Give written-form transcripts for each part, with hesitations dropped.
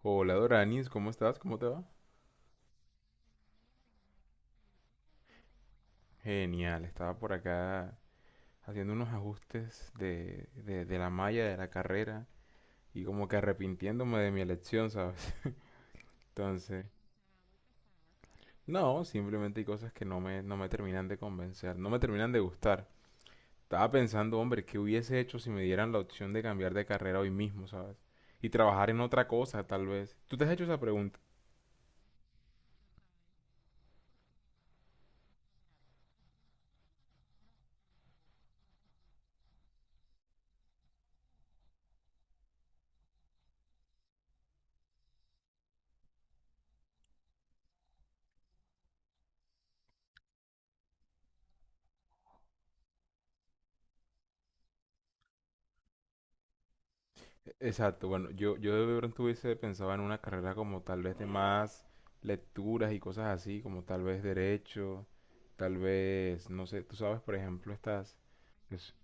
Hola Doranis, ¿cómo estás? ¿Cómo te va? Genial, estaba por acá haciendo unos ajustes de la malla de la carrera y como que arrepintiéndome de mi elección, ¿sabes? Entonces, no, simplemente hay cosas que no me terminan de convencer, no me terminan de gustar. Estaba pensando, hombre, ¿qué hubiese hecho si me dieran la opción de cambiar de carrera hoy mismo, ¿sabes? Y trabajar en otra cosa, tal vez. ¿Tú te has hecho esa pregunta? Exacto, bueno, yo de pronto hubiese pensado en una carrera como tal vez de más lecturas y cosas así, como tal vez derecho, tal vez, no sé, tú sabes, por ejemplo, estas... es-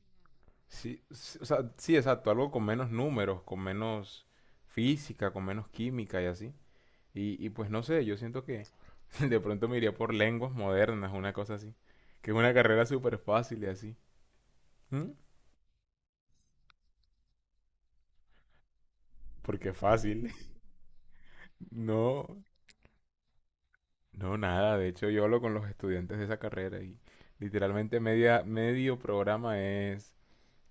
sí, sí, o sea, sí, exacto, algo con menos números, con menos física, con menos química y así. Y pues no sé, yo siento que de pronto me iría por lenguas modernas, una cosa así. Que es una carrera súper fácil y así. ¿Mm? Porque fácil. No. No, nada, de hecho yo hablo con los estudiantes de esa carrera y literalmente medio programa es,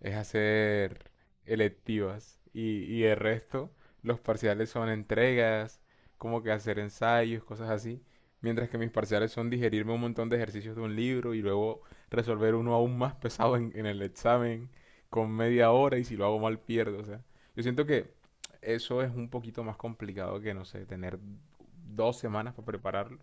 es hacer electivas y el resto, los parciales son entregas, como que hacer ensayos, cosas así, mientras que mis parciales son digerirme un montón de ejercicios de un libro y luego resolver uno aún más pesado en el examen con media hora y si lo hago mal pierdo, o sea, yo siento que eso es un poquito más complicado que, no sé, tener 2 semanas para prepararlo.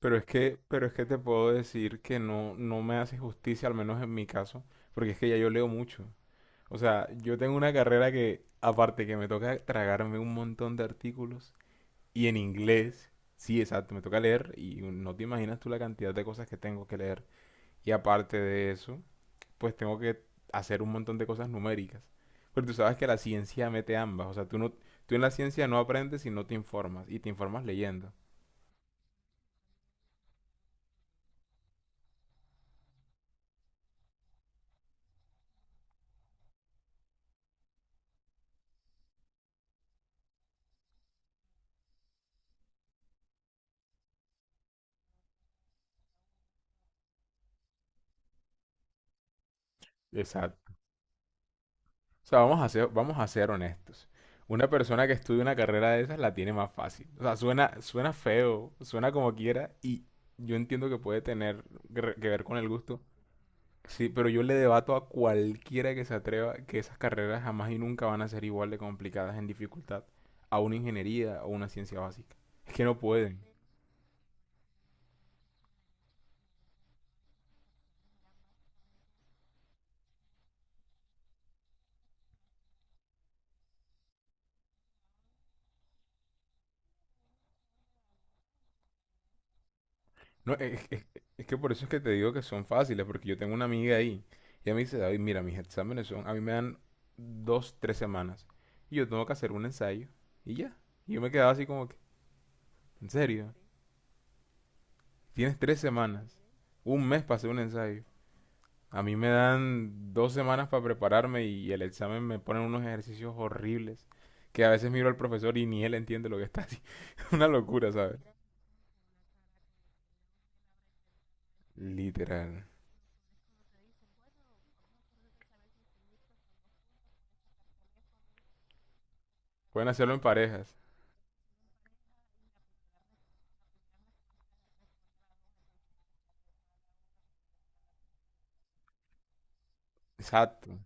Pero es que te puedo decir que no me hace justicia, al menos en mi caso, porque es que ya yo leo mucho. O sea, yo tengo una carrera que, aparte que me toca tragarme un montón de artículos, y en inglés, sí, exacto, me toca leer, y no te imaginas tú la cantidad de cosas que tengo que leer. Y aparte de eso, pues tengo que hacer un montón de cosas numéricas. Pero tú sabes que la ciencia mete ambas, o sea, tú en la ciencia no aprendes si no te informas, y te informas leyendo. O sea, vamos a ser honestos. Una persona que estudia una carrera de esas la tiene más fácil. O sea, suena, suena feo, suena como quiera, y yo entiendo que puede tener que ver con el gusto. Sí, pero yo le debato a cualquiera que se atreva que esas carreras jamás y nunca van a ser igual de complicadas en dificultad a una ingeniería o una ciencia básica. Es que no pueden. No, es que por eso es que te digo que son fáciles, porque yo tengo una amiga ahí. Y ella me dice, David, mira, mis exámenes son, a mí me dan 2, 3 semanas. Y yo tengo que hacer un ensayo. Y ya. Y yo me quedaba así como que, ¿en serio? Tienes 3 semanas. Un mes para hacer un ensayo. A mí me dan 2 semanas para prepararme y el examen me ponen unos ejercicios horribles. Que a veces miro al profesor y ni él entiende lo que está haciendo. Una locura, ¿sabes? Literal. Pueden hacerlo en parejas. Exacto.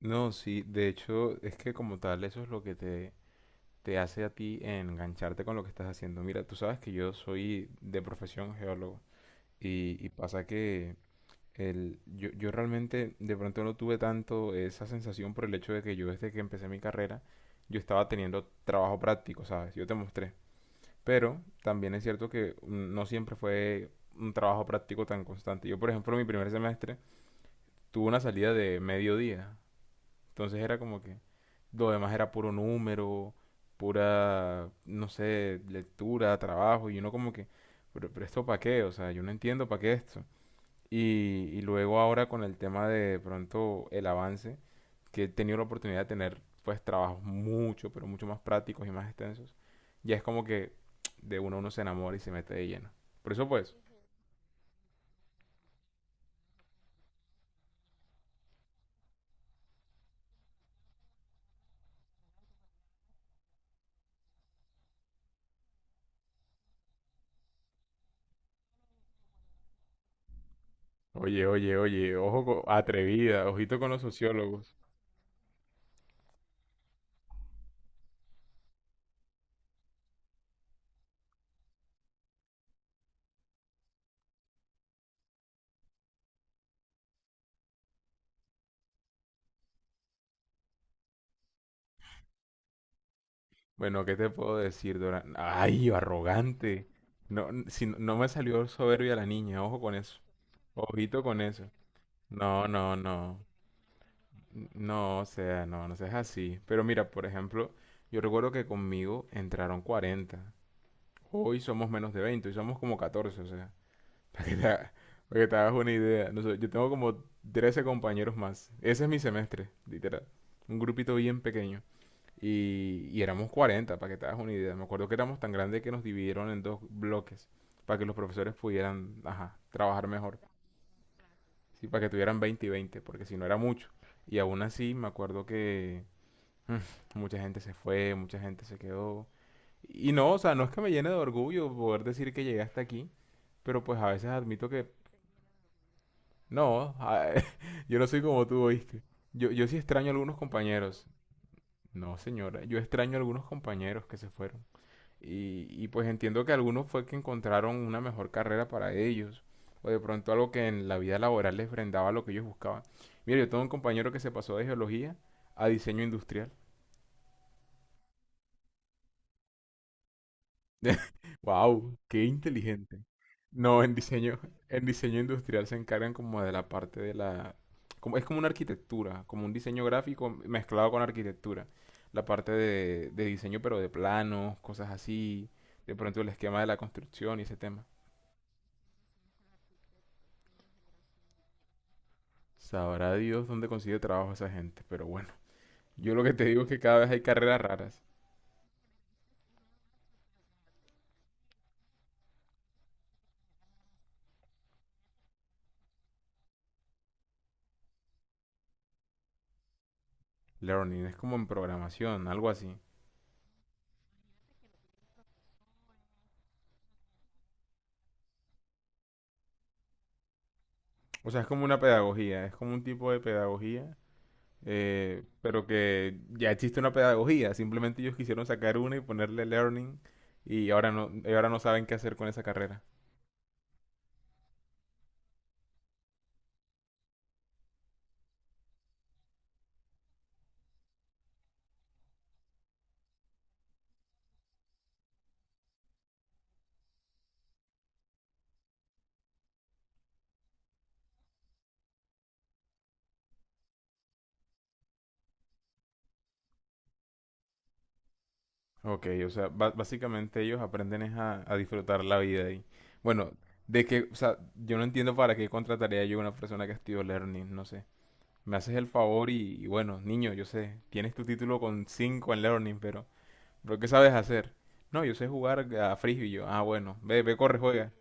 No, sí, de hecho es que como tal eso es lo que te hace a ti engancharte con lo que estás haciendo. Mira, tú sabes que yo soy de profesión geólogo y pasa que yo realmente de pronto no tuve tanto esa sensación por el hecho de que yo desde que empecé mi carrera yo estaba teniendo trabajo práctico, ¿sabes? Yo te mostré. Pero también es cierto que mm, no siempre fue un trabajo práctico tan constante. Yo, por ejemplo, mi primer semestre tuve una salida de mediodía. Entonces era como que, lo demás era puro número, pura, no sé, lectura, trabajo. Y uno como que, pero esto para qué? O sea, yo no entiendo para qué esto. Y luego ahora con el tema de pronto el avance, que he tenido la oportunidad de tener pues trabajos mucho, pero mucho más prácticos y más extensos, ya es como que de uno se enamora y se mete de lleno. Por eso pues, oye, oye, oye, ojo atrevida, ojito con los sociólogos. Bueno, ¿qué te puedo decir, Dora? Ay, arrogante. No, si no me salió soberbia la niña, ojo con eso. Ojito con eso. No, no, no. No, o sea, no, no seas así. Pero mira, por ejemplo, yo recuerdo que conmigo entraron 40. Hoy somos menos de 20, hoy somos como 14, o sea. Para que te, ha- para que te hagas una idea. No sé, yo tengo como 13 compañeros más. Ese es mi semestre, literal. Un grupito bien pequeño. Y éramos 40 para que te hagas una idea. Me acuerdo que éramos tan grandes que nos dividieron en dos bloques para que los profesores pudieran ajá, trabajar mejor. Sí, para que tuvieran 20 y 20 porque si no era mucho. Y aún así me acuerdo que mucha gente se fue, mucha gente se quedó. Y no, o sea, no es que me llene de orgullo poder decir que llegué hasta aquí, pero pues a veces admito que no, yo no soy como tú, ¿oíste? Yo sí extraño a algunos compañeros. No, señora, yo extraño a algunos compañeros que se fueron. Y pues entiendo que algunos fue que encontraron una mejor carrera para ellos, o de pronto algo que en la vida laboral les brindaba lo que ellos buscaban. Mira, yo tengo un compañero que se pasó de geología a diseño industrial. Wow, qué inteligente. No, en diseño industrial se encargan como de la parte es como una arquitectura, como un diseño gráfico mezclado con arquitectura. La parte de diseño, pero de planos, cosas así, de pronto el esquema de la construcción y ese tema. Sabrá Dios dónde consigue trabajo esa gente, pero bueno, yo lo que te digo es que cada vez hay carreras raras. Learning es como en programación, algo así. O sea, es como una pedagogía, es como un tipo de pedagogía, pero que ya existe una pedagogía. Simplemente ellos quisieron sacar una y ponerle learning y ahora no saben qué hacer con esa carrera. Ok, o sea, básicamente ellos aprenden es a disfrutar la vida y bueno, de que, o sea, yo no entiendo para qué contrataría yo a una persona que estudió learning, no sé. Me haces el favor y bueno, niño, yo sé, tienes tu título con 5 en Learning, pero ¿qué sabes hacer? No, yo sé jugar a frisbee. Y yo, ah, bueno, ve, ve, corre, juega.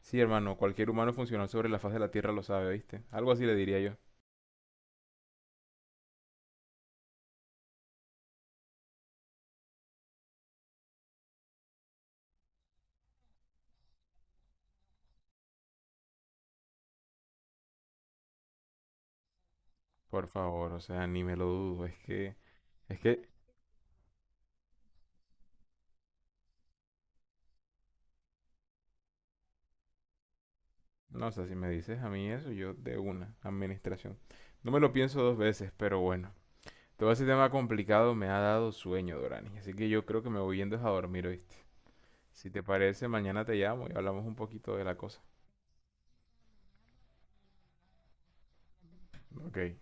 Sí, hermano, cualquier humano funcional sobre la faz de la Tierra lo sabe, ¿viste? Algo así le diría yo. Por favor, o sea, ni me lo dudo, es que, no, o sea, si me dices a mí eso, yo de una, administración. No me lo pienso dos veces, pero bueno. Todo ese tema complicado me ha dado sueño, Dorani, así que yo creo que me voy yendo a dormir, ¿oíste? Si te parece, mañana te llamo y hablamos un poquito de la cosa. Ok.